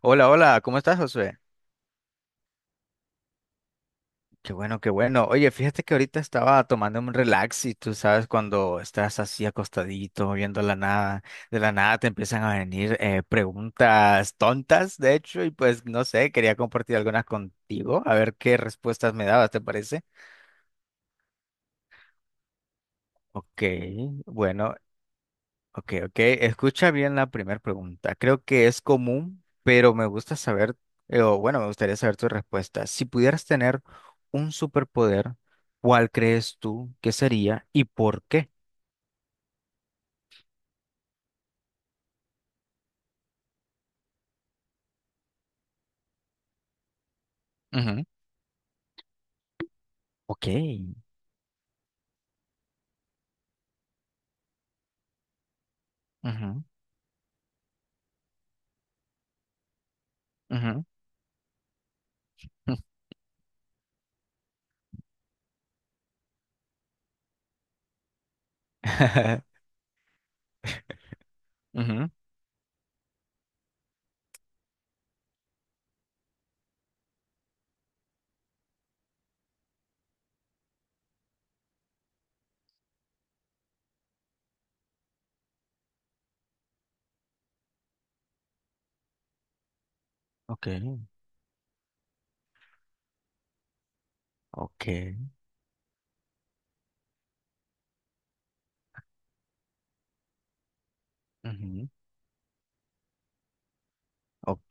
Hola, hola, ¿cómo estás, Josué? Qué bueno, qué bueno. Oye, fíjate que ahorita estaba tomando un relax y tú sabes cuando estás así acostadito, viendo la nada, de la nada te empiezan a venir preguntas tontas, de hecho, y pues no sé, quería compartir algunas contigo, a ver qué respuestas me dabas, ¿te parece? Ok, bueno, ok, ok. Escucha bien la primera pregunta. Creo que es común, pero me gusta saber, o bueno, me gustaría saber tu respuesta. Si pudieras tener un superpoder, ¿cuál crees tú que sería y por qué? Ujú, ok. Ujú, ujú, ujú, ujú. Ok. Ok. Ujú, ok.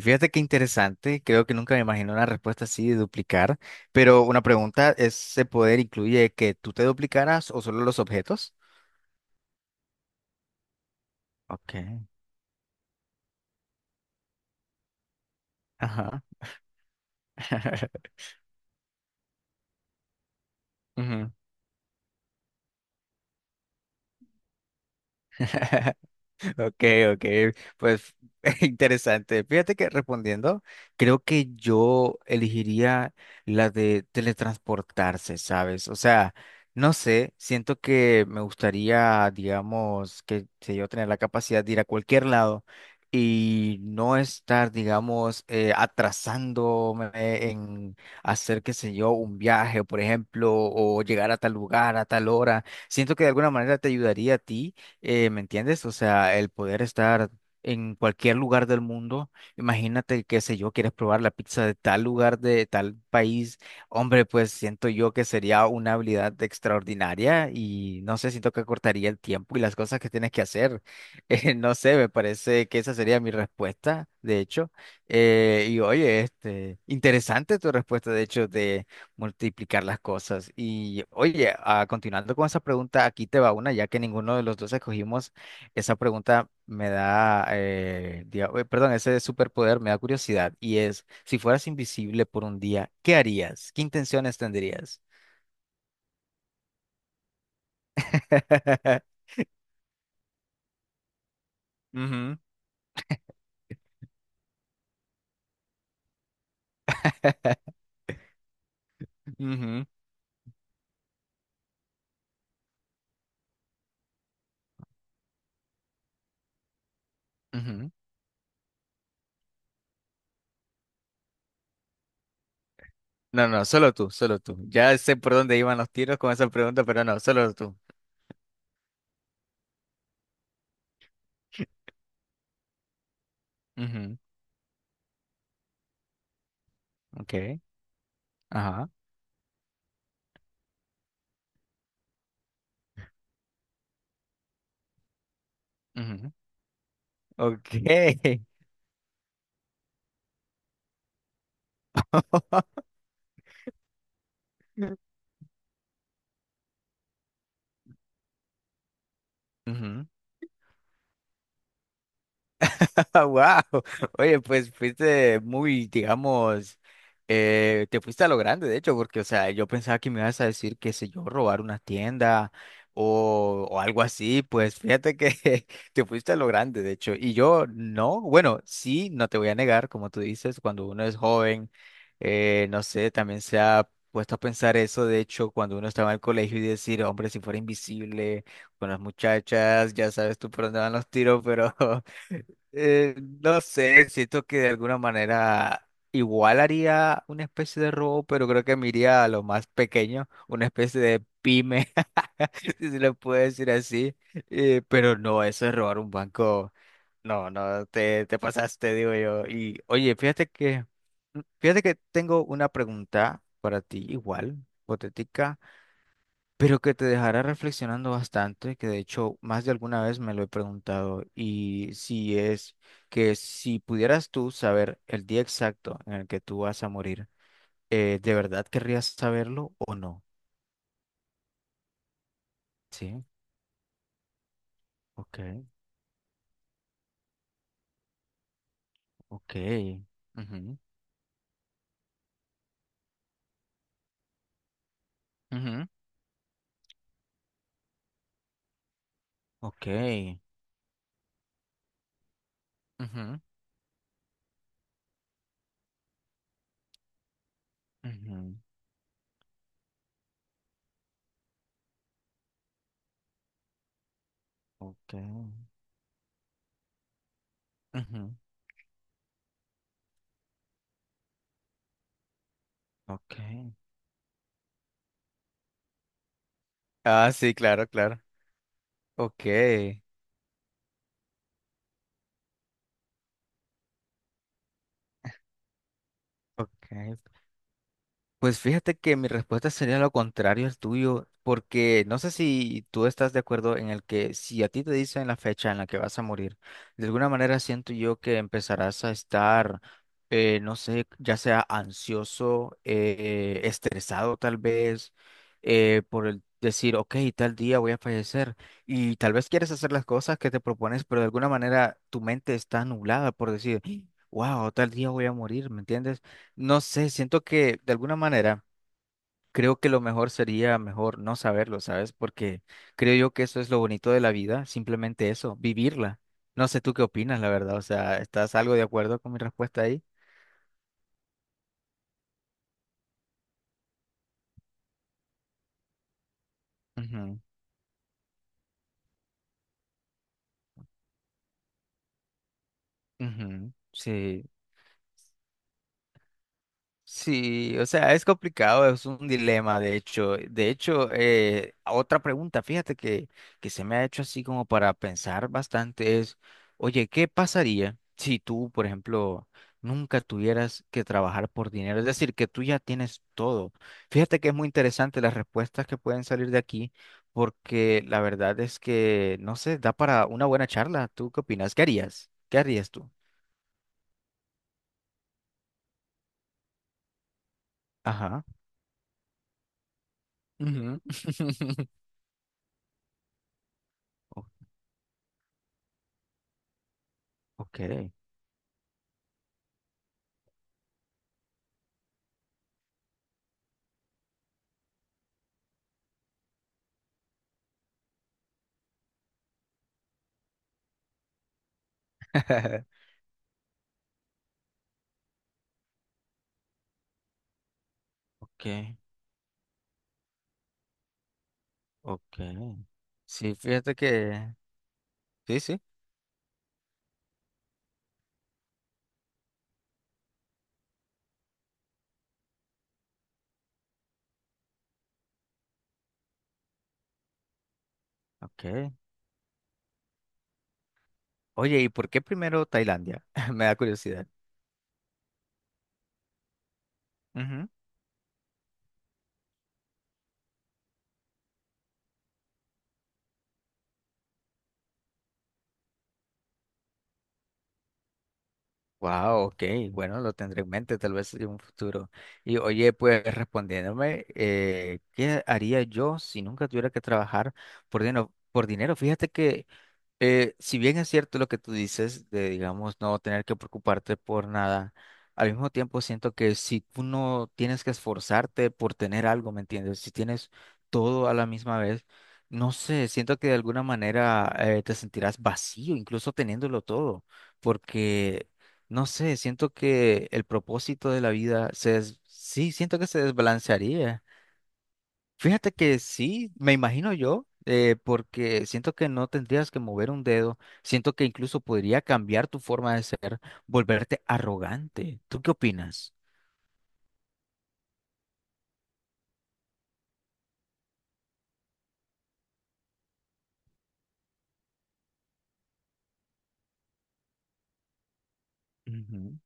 Fíjate qué interesante. Creo que nunca me imaginé una respuesta así de duplicar. Pero una pregunta, ¿ese poder incluye que tú te duplicaras o solo los objetos? Ok. Ajá. Ujú. Ok, ok, pues interesante. Fíjate que respondiendo, creo que yo elegiría la de teletransportarse, ¿sabes? O sea, no sé, siento que me gustaría, digamos, que sé yo tener la capacidad de ir a cualquier lado y no estar, digamos, atrasándome en hacer, qué sé yo, un viaje, por ejemplo, o llegar a tal lugar a tal hora. Siento que de alguna manera te ayudaría a ti ¿me entiendes? O sea, el poder estar en cualquier lugar del mundo. Imagínate, qué sé yo, quieres probar la pizza de tal lugar, de tal país. Hombre, pues siento yo que sería una habilidad extraordinaria y no sé, siento que cortaría el tiempo y las cosas que tienes que hacer. No sé, me parece que esa sería mi respuesta, de hecho. Y oye, este, interesante tu respuesta, de hecho, de multiplicar las cosas. Y oye, ah, continuando con esa pregunta, aquí te va una, ya que ninguno de los dos escogimos, esa pregunta me da, perdón, ese superpoder me da curiosidad y es, si fueras invisible por un día, ¿qué harías? ¿Qué intenciones tendrías? Ujú, ujú, ujú. No, no, solo tú, solo tú. Ya sé por dónde iban los tiros con esa pregunta, pero no, solo tú. Ujú, ok, ajá. Ujú, ok. Ujú. Wow, oye, pues fuiste muy, digamos, te fuiste a lo grande, de hecho, porque, o sea, yo pensaba que me ibas a decir, qué sé yo, robar una tienda o algo así, pues fíjate que te fuiste a lo grande, de hecho, y yo no, bueno, sí, no te voy a negar, como tú dices, cuando uno es joven, no sé, también se ha puesto a pensar eso, de hecho, cuando uno estaba en el colegio y decir, hombre, si fuera invisible con las muchachas, ya sabes tú por dónde van los tiros, pero... Eh, no sé, siento que de alguna manera igual haría una especie de robo, pero creo que me iría a lo más pequeño, una especie de pyme, si se le puede decir así. Pero no, eso es robar un banco. No, no, te pasaste, digo yo. Y oye, fíjate que tengo una pregunta para ti, igual, hipotética pero que te dejará reflexionando bastante, que de hecho más de alguna vez me lo he preguntado, y si es que si pudieras tú saber el día exacto en el que tú vas a morir, ¿de verdad querrías saberlo o no? Sí, ok, ok. Ujú, ujú, ok, ujú, ujú, ok, ujú, ok. Ah, sí, claro, claro. Ok, ok. Pues fíjate que mi respuesta sería lo contrario al tuyo, porque no sé si tú estás de acuerdo en el que si a ti te dicen la fecha en la que vas a morir, de alguna manera siento yo que empezarás a estar, no sé, ya sea ansioso, estresado tal vez, por el decir, ok, tal día voy a fallecer, y tal vez quieres hacer las cosas que te propones, pero de alguna manera tu mente está nublada por decir, wow, tal día voy a morir, ¿me entiendes? No sé, siento que de alguna manera creo que lo mejor sería mejor no saberlo, ¿sabes? Porque creo yo que eso es lo bonito de la vida, simplemente eso, vivirla. No sé tú qué opinas, la verdad. O sea, ¿estás algo de acuerdo con mi respuesta ahí? Ujú, ujú, sí. Sí, o sea, es complicado, es un dilema, de hecho. De hecho, otra pregunta, que se me ha hecho así como para pensar bastante es, oye, ¿qué pasaría si tú, por ejemplo, nunca tuvieras que trabajar por dinero? Es decir, que tú ya tienes todo. Fíjate que es muy interesante las respuestas que pueden salir de aquí, porque la verdad es que, no sé, da para una buena charla. ¿Tú qué opinas? ¿Qué harías? ¿Qué harías tú? Ajá. Ujú. O- Ok. Ok, ok. Sí, fíjate que... Sí, sí. Ok. Oye, ¿y por qué primero Tailandia? Me da curiosidad. Ujú. Wow, ok. Bueno, lo tendré en mente tal vez en un futuro. Y oye, pues respondiéndome, ¿qué haría yo si nunca tuviera que trabajar por dinero? Por dinero, fíjate que si bien es cierto lo que tú dices de, digamos, no tener que preocuparte por nada, al mismo tiempo siento que si tú no tienes que esforzarte por tener algo, ¿me entiendes? Si tienes todo a la misma vez, no sé, siento que de alguna manera te sentirás vacío, incluso teniéndolo todo, porque, no sé, siento que el propósito de la vida sí, siento que se desbalancearía. Fíjate que sí, me imagino yo, porque siento que no tendrías que mover un dedo, siento que incluso podría cambiar tu forma de ser, volverte arrogante. ¿Tú qué opinas? Ujú.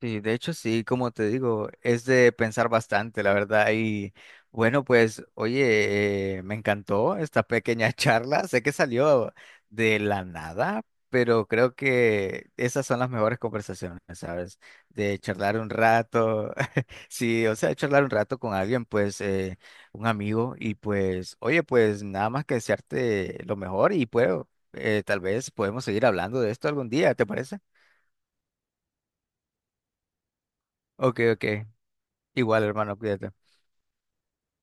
Sí, de hecho sí, como te digo, es de pensar bastante, la verdad. Y bueno, pues oye, me encantó esta pequeña charla. Sé que salió de la nada, pero creo que esas son las mejores conversaciones, ¿sabes? De charlar un rato, sí, o sea, charlar un rato con alguien, pues un amigo. Y pues, oye, pues nada más que desearte lo mejor y puedo, tal vez podemos seguir hablando de esto algún día, ¿te parece? Ok, ok. Igual, hermano, cuídate.